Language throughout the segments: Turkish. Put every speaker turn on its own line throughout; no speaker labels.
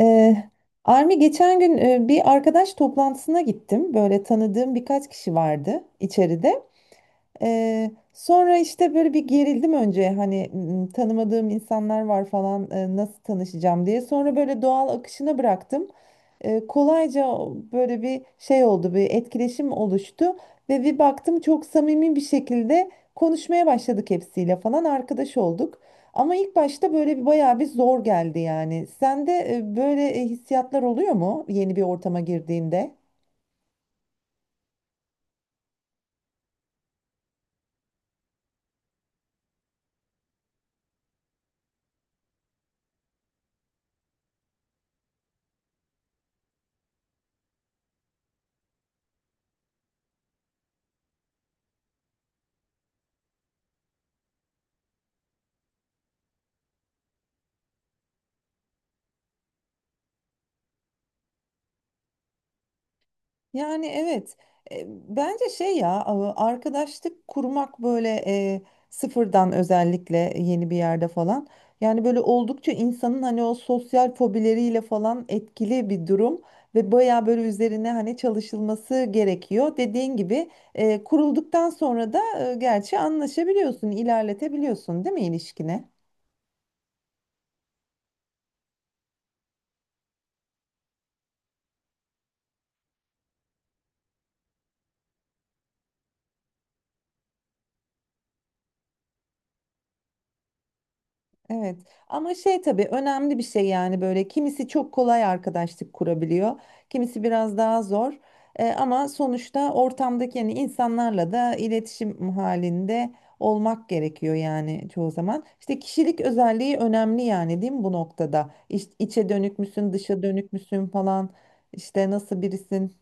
Ee, Armi geçen gün bir arkadaş toplantısına gittim. Böyle tanıdığım birkaç kişi vardı içeride. Sonra işte böyle bir gerildim önce hani tanımadığım insanlar var falan, nasıl tanışacağım diye. Sonra böyle doğal akışına bıraktım. Kolayca böyle bir şey oldu, bir etkileşim oluştu ve bir baktım çok samimi bir şekilde konuşmaya başladık, hepsiyle falan arkadaş olduk. Ama ilk başta böyle bir bayağı bir zor geldi yani. Sende böyle hissiyatlar oluyor mu yeni bir ortama girdiğinde? Yani evet. Bence şey ya arkadaşlık kurmak böyle sıfırdan özellikle yeni bir yerde falan, yani böyle oldukça insanın hani o sosyal fobileriyle falan etkili bir durum ve baya böyle üzerine hani çalışılması gerekiyor. Dediğin gibi kurulduktan sonra da gerçi anlaşabiliyorsun, ilerletebiliyorsun değil mi ilişkine? Evet, ama şey tabii önemli bir şey yani, böyle kimisi çok kolay arkadaşlık kurabiliyor, kimisi biraz daha zor. Ama sonuçta ortamdaki yani insanlarla da iletişim halinde olmak gerekiyor yani çoğu zaman. İşte kişilik özelliği önemli yani değil mi bu noktada? İçe dönük müsün, dışa dönük müsün falan, işte nasıl birisin?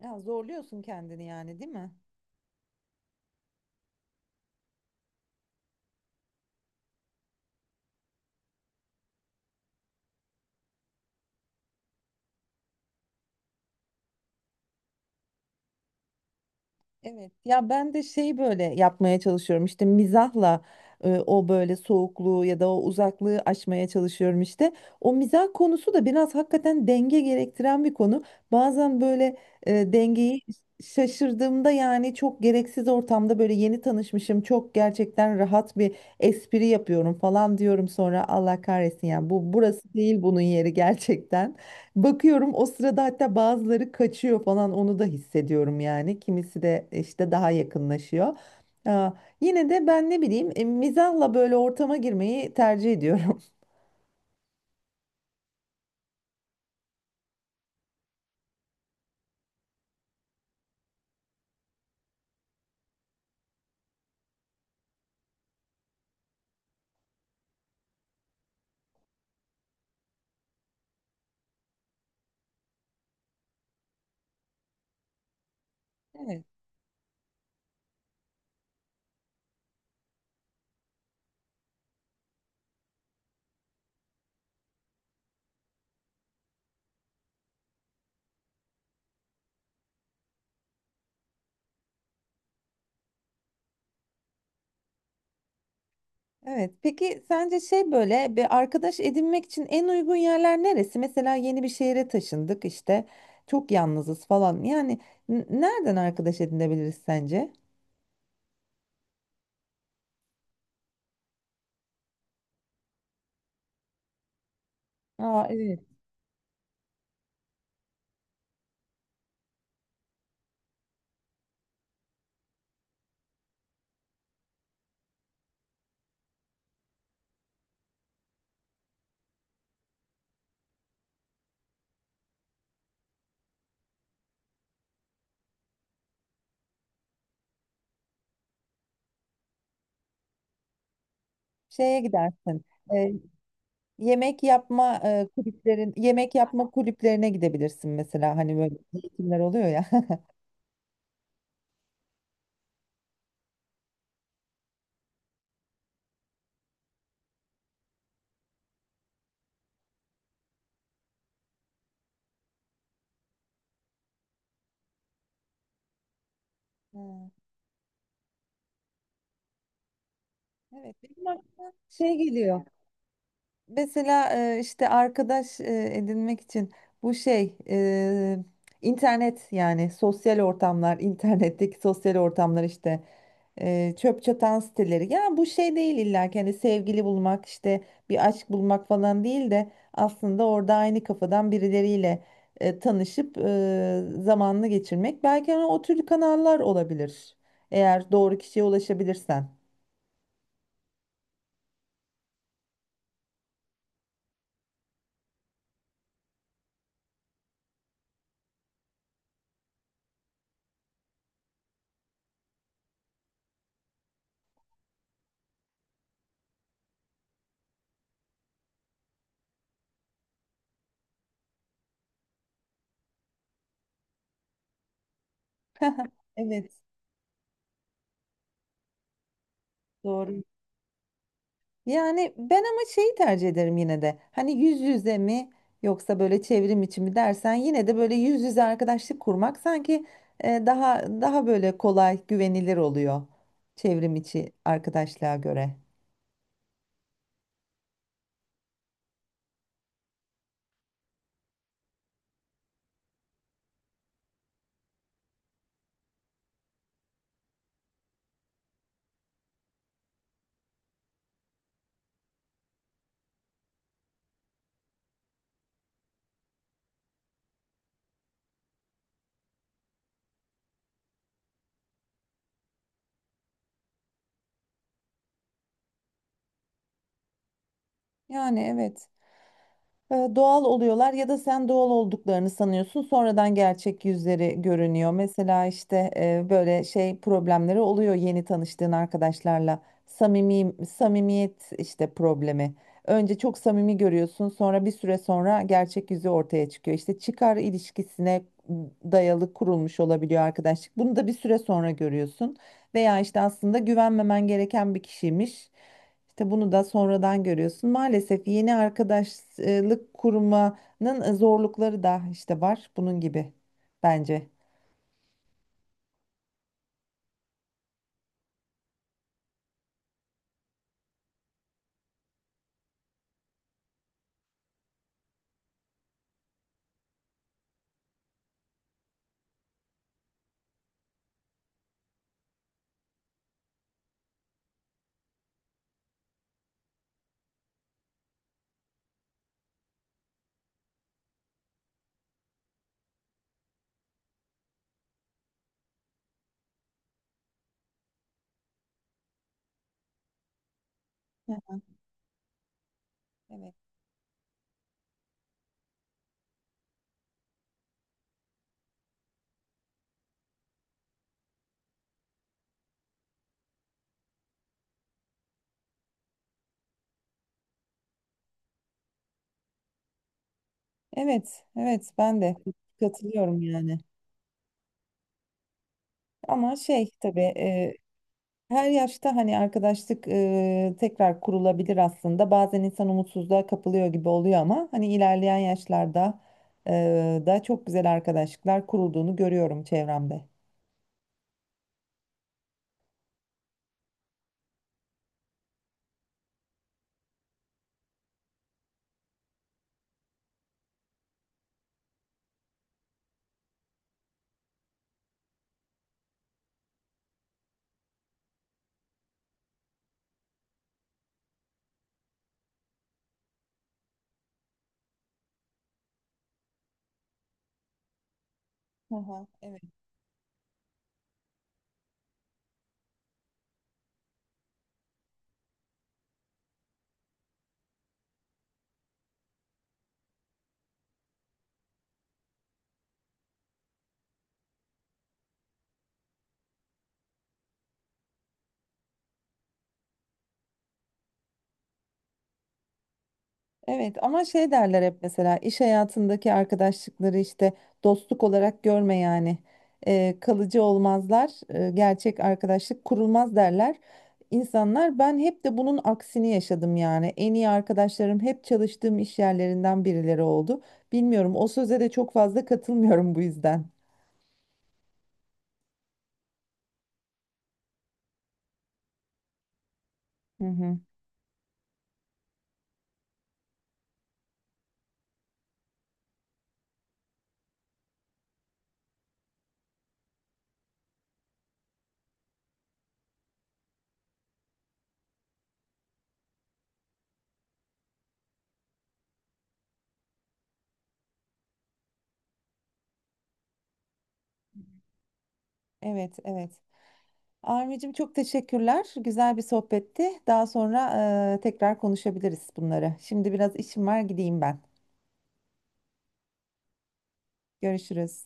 Ya zorluyorsun kendini yani değil mi? Evet, ya ben de şey böyle yapmaya çalışıyorum işte mizahla, o böyle soğukluğu ya da o uzaklığı aşmaya çalışıyorum işte. O mizah konusu da biraz hakikaten denge gerektiren bir konu. Bazen böyle dengeyi şaşırdığımda yani çok gereksiz ortamda böyle yeni tanışmışım çok gerçekten rahat bir espri yapıyorum falan diyorum, sonra Allah kahretsin yani bu burası değil bunun yeri gerçekten. Bakıyorum o sırada, hatta bazıları kaçıyor falan, onu da hissediyorum yani. Kimisi de işte daha yakınlaşıyor. Aa, Yine de ben ne bileyim, mizahla böyle ortama girmeyi tercih ediyorum. Evet, evet. Peki sence şey böyle bir arkadaş edinmek için en uygun yerler neresi? Mesela yeni bir şehre taşındık işte, çok yalnızız falan. Yani nereden arkadaş edinebiliriz sence? Aa, evet. Şeye gidersin. e, Yemek yapma kulüplerin, yemek yapma kulüplerine gidebilirsin mesela, hani böyle eğitimler oluyor ya. Ha. Evet, benim aklıma şey geliyor. Mesela işte arkadaş edinmek için bu şey, internet, yani sosyal ortamlar, internetteki sosyal ortamlar, işte çöp çatan siteleri. Ya bu şey değil, illa ki hani sevgili bulmak işte, bir aşk bulmak falan değil de aslında orada aynı kafadan birileriyle tanışıp zamanını geçirmek, belki hani o tür kanallar olabilir eğer doğru kişiye ulaşabilirsen. Evet, doğru. Yani ben ama şeyi tercih ederim yine de. Hani yüz yüze mi, yoksa böyle çevrim içi mi dersen, yine de böyle yüz yüze arkadaşlık kurmak sanki daha böyle kolay, güvenilir oluyor çevrim içi arkadaşlığa göre. Yani evet. Doğal oluyorlar ya da sen doğal olduklarını sanıyorsun. Sonradan gerçek yüzleri görünüyor. Mesela işte böyle şey problemleri oluyor yeni tanıştığın arkadaşlarla. Samimiyet işte problemi. Önce çok samimi görüyorsun, sonra bir süre sonra gerçek yüzü ortaya çıkıyor. İşte çıkar ilişkisine dayalı kurulmuş olabiliyor arkadaşlık. Bunu da bir süre sonra görüyorsun. Veya işte aslında güvenmemen gereken bir kişiymiş. İşte bunu da sonradan görüyorsun. Maalesef yeni arkadaşlık kurmanın zorlukları da işte var bunun gibi, bence. Heh. Evet, evet, evet, ben de katılıyorum yani. Ama şey tabii, her yaşta hani arkadaşlık tekrar kurulabilir aslında. Bazen insan umutsuzluğa kapılıyor gibi oluyor ama hani ilerleyen yaşlarda da çok güzel arkadaşlıklar kurulduğunu görüyorum çevremde. Hı hı. Evet. Evet, ama şey derler hep mesela, iş hayatındaki arkadaşlıkları işte dostluk olarak görme yani. Kalıcı olmazlar, gerçek arkadaşlık kurulmaz derler insanlar. Ben hep de bunun aksini yaşadım yani, en iyi arkadaşlarım hep çalıştığım iş yerlerinden birileri oldu. Bilmiyorum, o söze de çok fazla katılmıyorum bu yüzden. Hı hı. Evet, evet. Armicim, çok teşekkürler. Güzel bir sohbetti. Daha sonra tekrar konuşabiliriz bunları. Şimdi biraz işim var, gideyim ben. Görüşürüz.